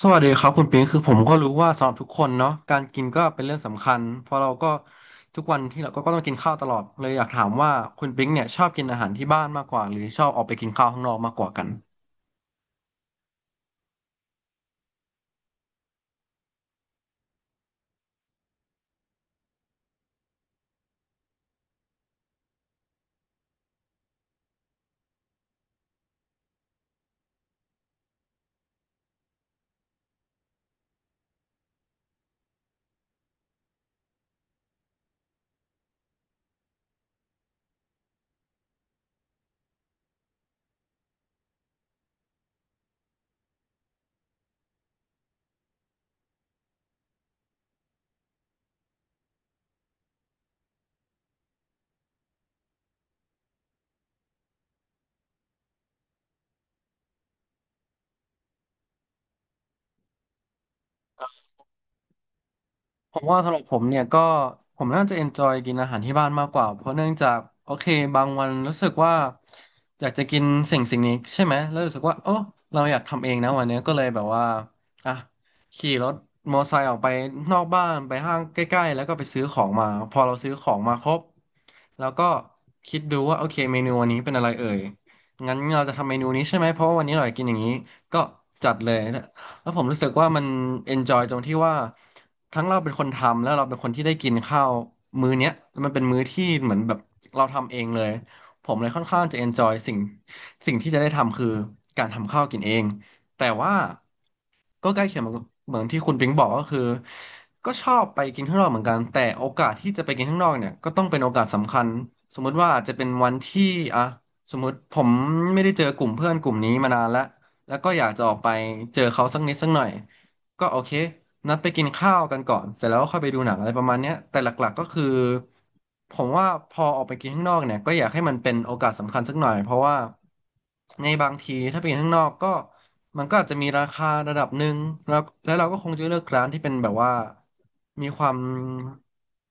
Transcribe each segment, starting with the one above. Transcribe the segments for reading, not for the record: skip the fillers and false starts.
สวัสดีครับคุณปิงคือผมก็รู้ว่าสำหรับทุกคนเนาะการกินก็เป็นเรื่องสำคัญเพราะเราก็ทุกวันที่เราก็ต้องกินข้าวตลอดเลยอยากถามว่าคุณปิงเนี่ยชอบกินอาหารที่บ้านมากกว่าหรือชอบออกไปกินข้าวข้างนอกมากกว่ากัน ผมว่าสำหรับผมเนี่ยก็ผมน่าจะเอนจอยกินอาหารที่บ้านมากกว่าเพราะเนื่องจากโอเคบางวันรู้สึกว่าอยากจะกินสิ่งนี้ใช่ไหมแล้วรู้สึกว่าโอ้เราอยากทำเองนะวันเนี้ยก็เลยแบบว่าอ่ะขี่รถมอไซค์ออกไปนอกบ้านไปห้างใกล้ๆแล้วก็ไปซื้อของมาพอเราซื้อของมาครบแล้วก็คิดดูว่าโอเคเมนูวันนี้เป็นอะไรเอ่ยงั้นเราจะทำเมนูนี้ใช่ไหมเพราะว่าวันนี้เราอยากกินอย่างนี้ก็จัดเลย แล้วผมรู้สึกว่ามัน enjoy ตรงที่ว่าทั้งเราเป็นคนทำแล้วเราเป็นคนที่ได้กินข้าวมื้อเนี้ยมันเป็นมื้อที่เหมือนแบบเราทำเองเลยผมเลยค่อนข้างจะ enjoy สิ่งที่จะได้ทำคือการทำข้าวกินเองแต่ว่าก็ใกล้เคียงเหมือนที่คุณปิงบอกก็คือก็ชอบไปกินข้างนอกเหมือนกันแต่โอกาสที่จะไปกินข้างนอกเนี่ยก็ต้องเป็นโอกาสสำคัญสมมุติว่าอาจจะเป็นวันที่อ่ะสมมติผมไม่ได้เจอกลุ่มเพื่อนกลุ่มนี้มานานแล้ว แล้วก็อยากจะออกไปเจอเขาสักนิดสักหน่อยก็โอเคนัดไปกินข้าวกันก่อนเสร็จแล้วก็ค่อยไปดูหนังอะไรประมาณเนี้ยแต่หลักๆก็คือผมว่าพอออกไปกินข้างนอกเนี่ยก็อยากให้มันเป็นโอกาสสำคัญสักหน่อยเพราะว่าในบางทีถ้าไปกินข้างนอกก็มันก็อาจจะมีราคาระดับหนึ่งแล้วเราก็คงจะเลือกร้านที่เป็นแบบว่ามีความ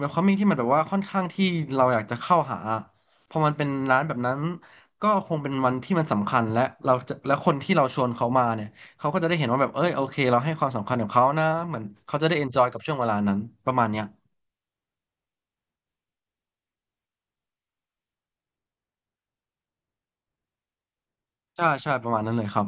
มีความมิ่งที่มันแบบว่าค่อนข้างที่เราอยากจะเข้าหา พอมันเป็นร้านแบบนั้นก็คงเป็นวันที่มันสำคัญและเราจะและคนที่เราชวนเขามาเนี่ยเขาก็จะได้เห็นว่าแบบเอ้ยโอเคเราให้ความสำคัญกับเขานะเหมือนเขาจะได้เอนจอยกับช่วงเวลานั้นประมาณเนี้ยใช่ใช่ประมาณนั้นเลยครับ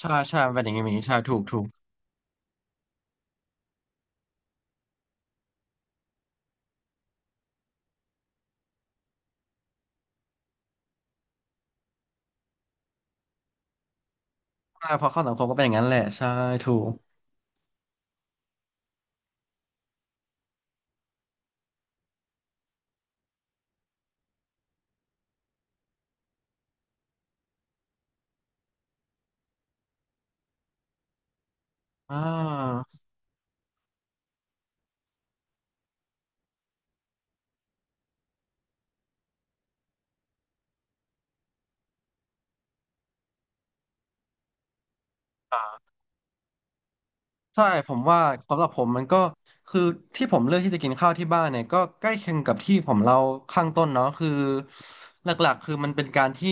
ใช่ใช่มันเป็นอย่างนี้ใช่ถูกถูกใช่เพอเข้าสังคมก็เป็นอย่างนั้นแหละใช่ถูกอ่า ใช่ผมว่าสำหรับผมมันก็คือที่ผมเลือกที่จะกินข้าวที่บ้านเนี่ยก็ใกล้เคียงกับที่ผมเล่าข้างต้นเนาะคือหลักๆคือมันเป็นการที่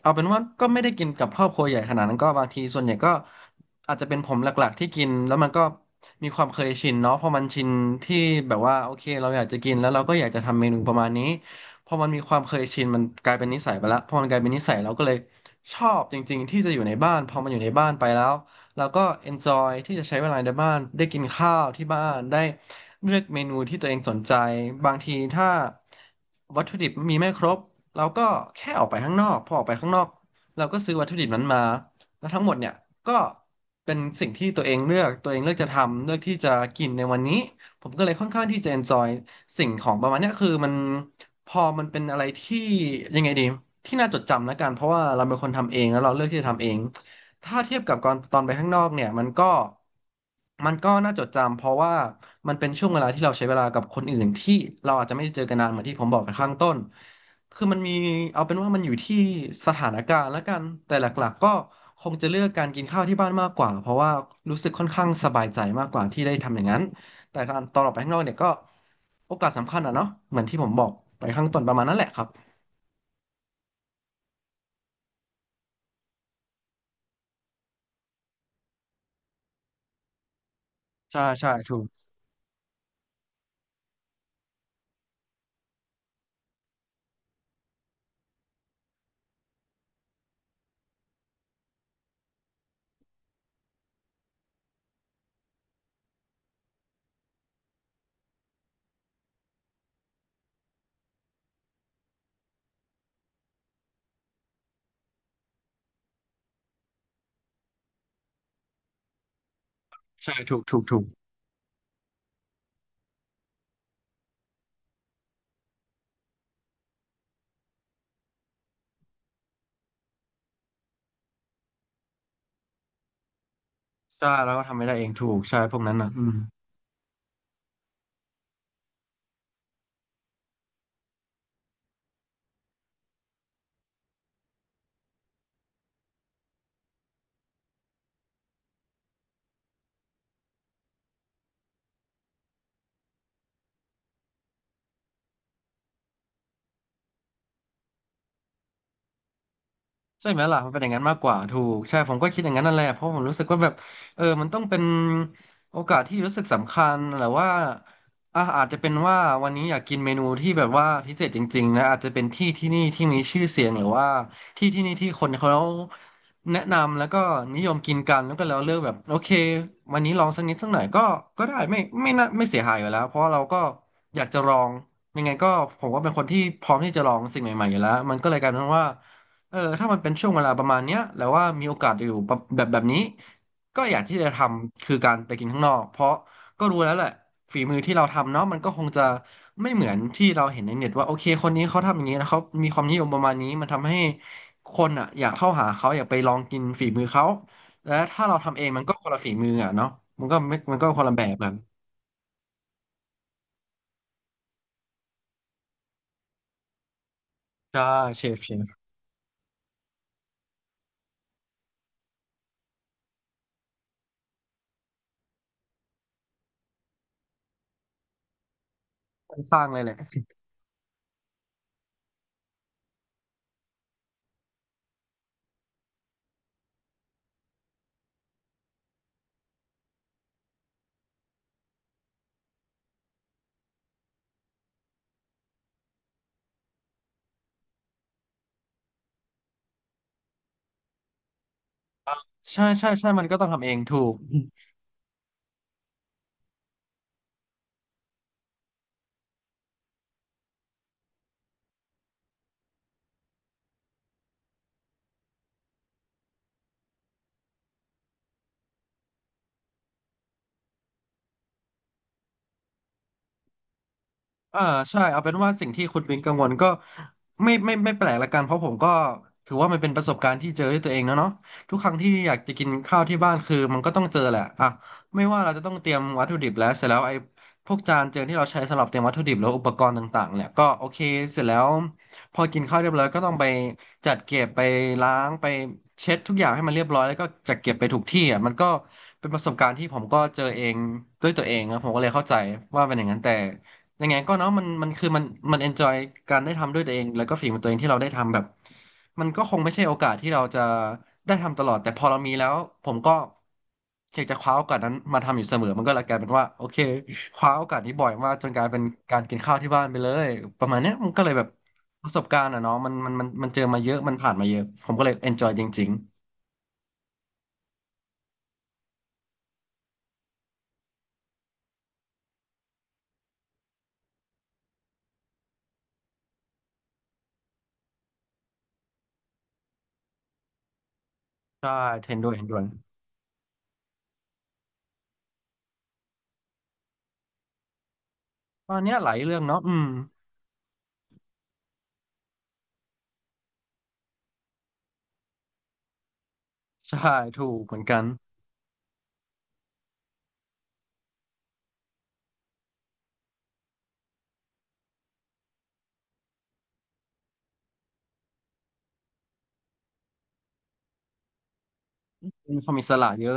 เอาเป็นว่าก็ไม่ได้กินกับครอบครัวใหญ่ขนาดนั้นก็บางทีส่วนใหญ่ก็อาจจะเป็นผมหลักๆที่กินแล้วมันก็มีความเคยชินเนาะพอมันชินที่แบบว่าโอเคเราอยากจะกินแล้วเราก็อยากจะทำเมนูประมาณนี้พอมันมีความเคยชินมันกลายเป็นนิสัยไปแล้วพอมันกลายเป็นนิสัยเราก็เลยชอบจริงๆที่จะอยู่ในบ้านพอมันอยู่ในบ้านไปแล้ว แล้วก็ enjoy ที่จะใช้เวลาในบ้านได้กินข้าวที่บ้านได้เลือกเมนูที่ตัวเองสนใจบางทีถ้าวัตถุดิบมีไม่ครบเราก็แค่ออกไปข้างนอกพอออกไปข้างนอกเราก็ซื้อวัตถุดิบนั้นมาแล้วทั้งหมดเนี่ยก็เป็นสิ่งที่ตัวเองเลือกตัวเองเลือกจะทำเลือกที่จะกินในวันนี้ผมก็เลยค่อนข้างที่จะ enjoy สิ่งของประมาณเนี้ยคือมันพอมันเป็นอะไรที่ยังไงดีที่น่าจดจำแล้วกันเพราะว่าเราเป็นคนทำเองแล้วเราเลือกที่จะทำเอง ถ้าเทียบกับก่อนตอนไปข้างนอกเนี่ยมันก็มันก็น่าจดจำเพราะว่ามันเป็นช่วงเวลาที่เราใช้เวลากับคนอื่นที่เราอาจจะไม่ได้เจอกันนานเหมือนที่ผมบอกไปข้างต้นคือมันมีเอาเป็นว่ามันอยู่ที่สถานการณ์ละกันแต่หลักๆก็คงจะเลือกการกินข้าวที่บ้านมากกว่าเพราะว่ารู้สึกค่อนข้างสบายใจมากกว่าที่ได้ทำอย่างนั้นแต่ตอนออกไปข้างนอกเนี่ยก็โอกาสสำคัญอ่ะเนาะเหมือนที่ผมบอกไปข้างต้นประมาณนั้นแหละครับใช่ใช่ถูกใช่ถูกถูกถูกใช่แล้วก็ทำไม่ได้เองถูกใช่พวกนั้นนะอืม ใช่ไหมล่ะมันเป็นอย่างนั้นมากกว่าถูกใช่ผมก็คิดอย่างนั้นนั่นแหละเพราะผมรู้สึกว่าแบบมันต้องเป็นโอกาสที่รู้สึกสำคัญหรือว่าอาจจะเป็นว่าวันนี้อยากกินเมนูที่แบบว่าพิเศษจริงๆนะอาจจะเป็นที่ที่นี่ที่มีชื่อเสียงหรือว่าที่ที่นี่ที่คนเขาแนะนำแล้วก็นิยมกินกันแล้วก็เราเลือกแบบโอเควันนี้ลองสักนิดสักหน่อยก็ได้ไม่น่าไม่เสียหายอยู่แล้วเพราะเราก็อยากจะลองยังไงก็ผมก็เป็นคนที่พร้อมที่จะลองสิ่งใหม่ๆอยู่แล้วมันก็เลยกลายเป็นว่า ถ้ามันเป็นช่วงเวลาประมาณเนี้ยแล้วว่ามีโอกาสอยู่แบบนี้ก็อยากที่จะทำคือการไปกินข้างนอกเพราะก็รู้แล้วแหละฝีมือที่เราทำเนาะมันก็คงจะไม่เหมือนที่เราเห็นในเน็ตว่าโอเคคนนี้เขาทำอย่างนี้นะเขามีความนิยมประมาณนี้มันทำให้คนอ่ะอยากเข้าหาเขาอยากไปลองกินฝีมือเขาและถ้าเราทำเองมันก็คนละฝีมืออ่ะเนาะมันก็คนละแบบกันใช่เชฟเชฟสร้างเลยแหละใช่ใช่ใช่มันก็ต้องทำเองถูก อ่าใช่เอาเป็นว่าสิ่งที่คุณวินกังวลก็ไม่แปลกละกันเพราะผมก็ถือว่ามันเป็นประสบการณ์ที่เจอด้วยตัวเองเนอะเนาะทุกครั้งที่อยากจะกินข้าวที่บ้านคือมันก็ต้องเจอแหละอ่ะไม่ว่าเราจะต้องเตรียมวัตถุดิบแล้วเสร็จแล้วไอ้พวกจานเจอที่เราใช้สำหรับเตรียมวัตถุดิบแล้วอุปกรณ์ต่างๆเนี่ยก็โอเคเสร็จแล้วพอกินข้าวเรียบร้อยก็ต้องไปจัดเก็บไปล้างไปเช็ดทุกอย่างให้มันเรียบร้อยแล้วก็จัดเก็บไปถูกที่อ่ะมันก็เป็นประสบการณ์ที่ผมก็เจอเองด้วยตัวเองนะผมก็เลยเข้าใจว่าเป็นอย่างนั้นแต่ ยังไงก็เนาะมันคือมันมันเอนจอยการได้ทำด้วยตัวเองแล้วก็ฝีมือตัวเองที่เราได้ทำแบบมันก็คงไม่ใช่โอกาสที่เราจะได้ทำตลอดแต่พอเรามีแล้วผมก็อยากจะคว้าโอกาสนั้นมาทำอยู่เสมอมันก็เลยกลายเป็นว่าโอเคคว้าโอกาสนี้บ่อยมากจนกลายเป็นการกินข้าวที่บ้านไปเลยประมาณเนี้ยมันก็เลยแบบประสบการณ์อะเนาะมันเจอมาเยอะมันผ่านมาเยอะผมก็เลยเอนจอยจริงๆใช่เทนด้วยตอนเนี้ยหลายเรื่องเนาะอืมใช่ถูกเหมือนกันมีความอิสระเยอะ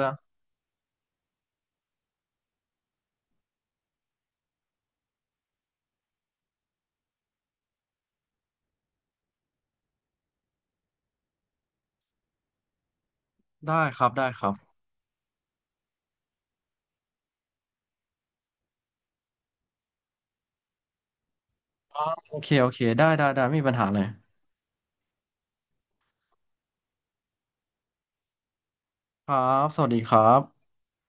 ได้ครับ โอเค โอเค ได้ ได้ ได้ ไม่มีปัญหาเลย ครับ สวัสดีครับ